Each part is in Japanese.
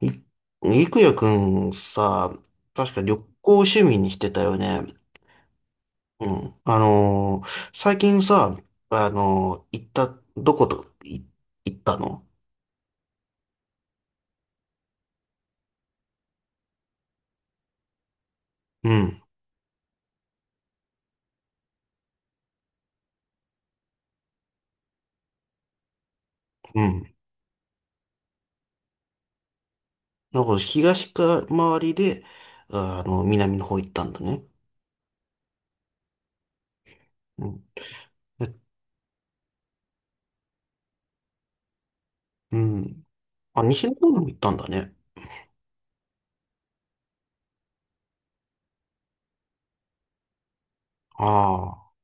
い、いくやくんさ、確か旅行を趣味にしてたよね。うん。最近さ、あのー行った、どこと、い、行ったの。うん、うん。なんか東か周りで、南の方行ったんだね。うん。え、うん。あ、西の方にも行ったんだね。ああ、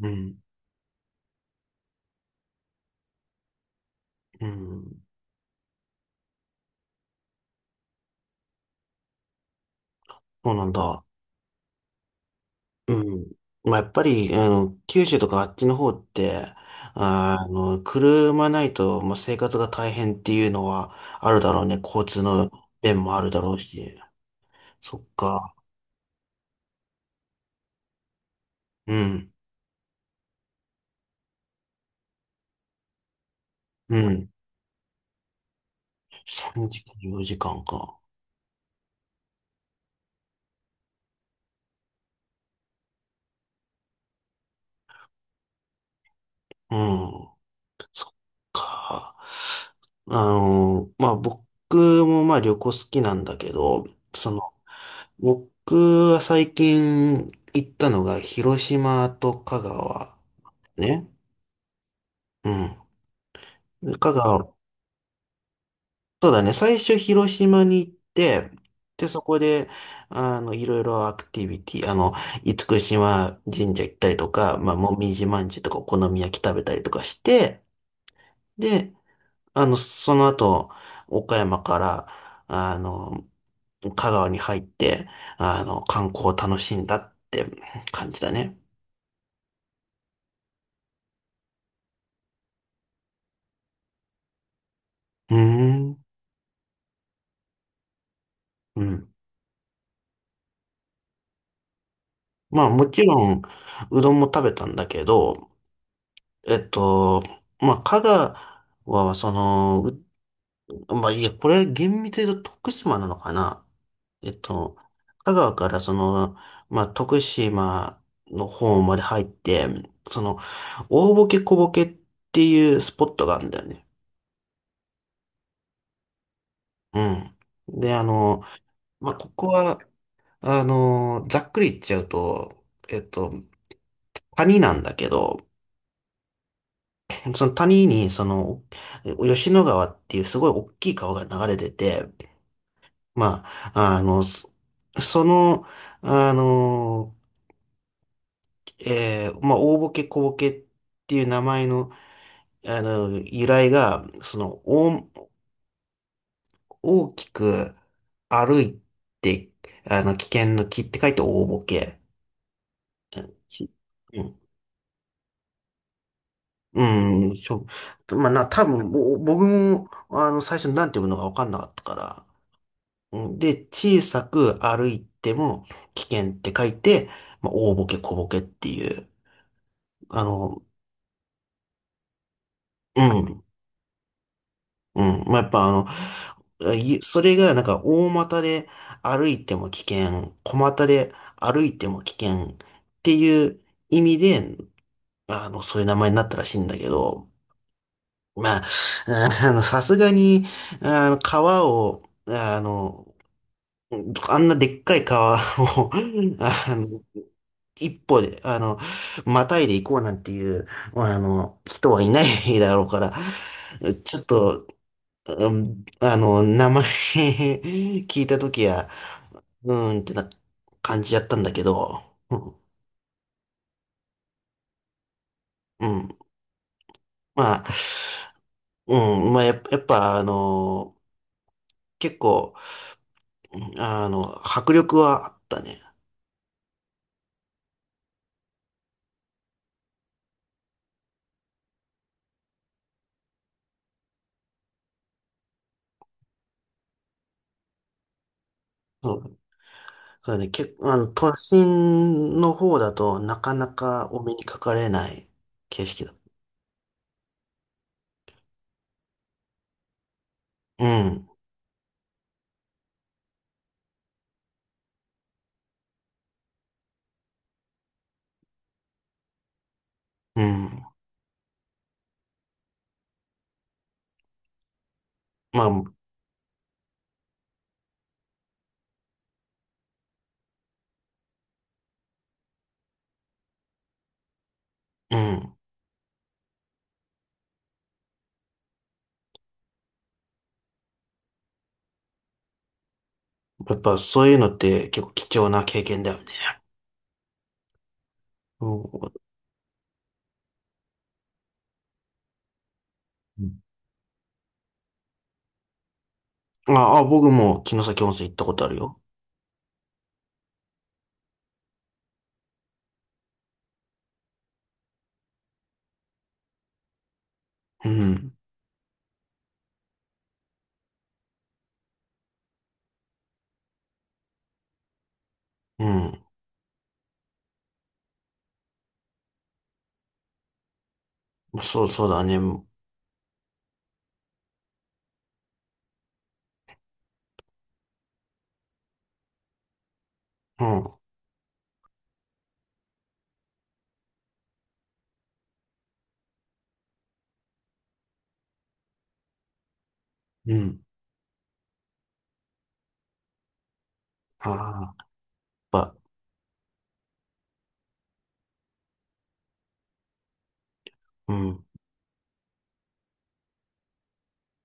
うん、うん。そうなんだ。うん。やっぱり、九州とかあっちの方って、車ないと、まあ、生活が大変っていうのはあるだろうね。交通の便もあるだろうし。そっか。うん。うん。3時間、4時間か。うん。そっか。あの、まあ、僕もまあ旅行好きなんだけど、その、僕は最近行ったのが広島と香川ね。うん。香川、そうだね、最初広島に行って、で、そこで、いろいろアクティビティ、厳島神社行ったりとか、まあ、もみじまんじゅうとかお好み焼き食べたりとかして、で、その後、岡山から、あの、香川に入って、観光を楽しんだって感じだね。うーん。うん。まあ、もちろん、うどんも食べたんだけど、えっと、まあ、香川は、まあ、いや、これ厳密に言うと徳島なのかな。えっと、香川からその、まあ、徳島の方まで入って、その、大ボケ小ボケていうスポットがあるんだよね。うん。で、まあ、ここは、ざっくり言っちゃうと、谷なんだけど、その谷に、その、吉野川っていうすごい大きい川が流れてて、まあ、その、あの、まあ、大ボケ小ボケっていう名前の、由来が、その、大きく歩いて、危険の危って書いて大ボケ。うんきうん、うん、しょ、まあ、多分、僕も、最初なんて読むのか分かんなかったから。うんで、小さく歩いても危険って書いて、まあ、大ボケ小ボケっていう。あの、うん。うん。まあ、やっぱあの、それがなんか大股で歩いても危険、小股で歩いても危険っていう意味で、そういう名前になったらしいんだけど、まあ、さすがに、あの、あんなでっかい川を、あの、一歩で、またいで行こうなんていう、人はいないだろうから、ちょっと、うん、名前 聞いたときは、うーんってな感じやったんだけど、うん、うん。まあ、うん、まあやっぱ結構、迫力はあったね。うん、そうだね、結構、都心の方だとなかなかお目にかかれない景色だ。うん、うん、まあ、うん、やっぱそういうのって結構貴重な経験だよね。うん。ああ、僕も城崎温泉行ったことあるよ。うん。うん。そう、そうだね。うん。うん。ああ、やっぱ、うん。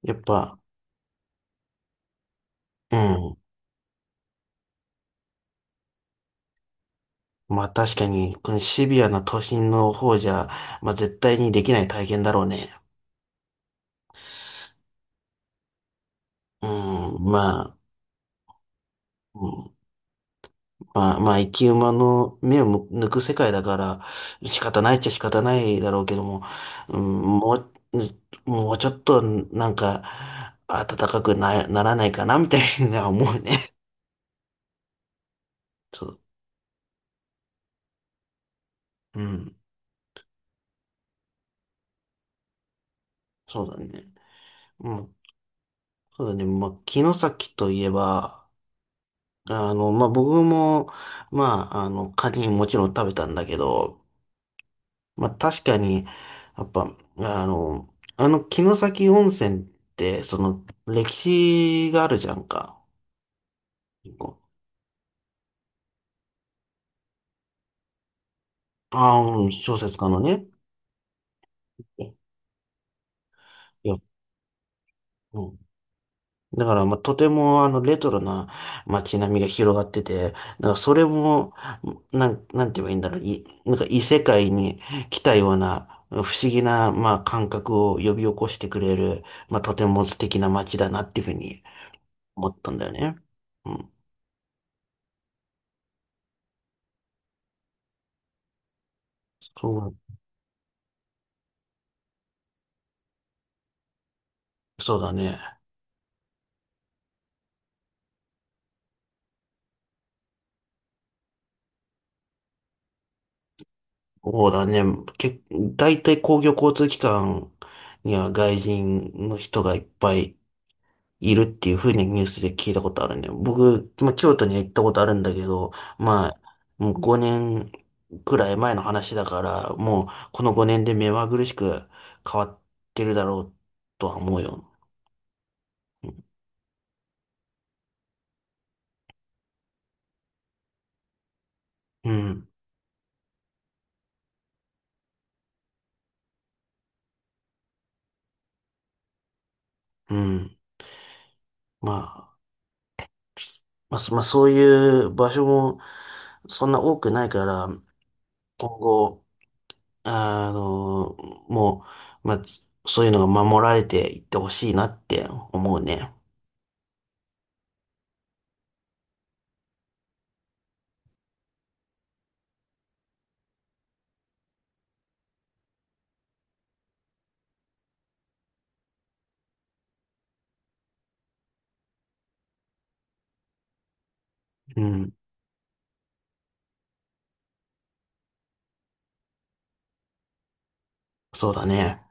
やっぱ、うん。まあ確かに、このシビアな都心の方じゃ、まあ絶対にできない体験だろうね。うん。まあ、うん、まあ、まあ、生き馬の目を抜く世界だから、仕方ないっちゃ仕方ないだろうけども、うん、もう、もうちょっと、なんか、暖かくな、ならないかな、みたいな思うね。そう、うん、そうだね。うん、そうだね。まあ、城崎といえば、まあ、僕も、まあ、カニもちろん食べたんだけど、まあ、確かに、やっぱ、城崎温泉て、その、歴史があるじゃんか。ああー、うん小説家のね。いや、うんだから、まあ、とても、レトロな街並みが広がってて、なんか、それも、なんて言えばいいんだろう、なんか、異世界に来たような、不思議な、まあ、感覚を呼び起こしてくれる、まあ、とても素敵な街だなっていうふうに思ったんだよね。うん。そう、そうだね。そうだね。け、大体公共交通機関には外人の人がいっぱいいるっていうふうにニュースで聞いたことあるね。僕、まあ、京都には行ったことあるんだけど、まあ、もう5年くらい前の話だから、もうこの5年で目まぐるしく変わってるだろうとは思うよ。うん、うん。まあ、まあ、そういう場所もそんな多くないから、今後、あの、もう、まあ、そういうのが守られていってほしいなって思うね。うん、そうだね。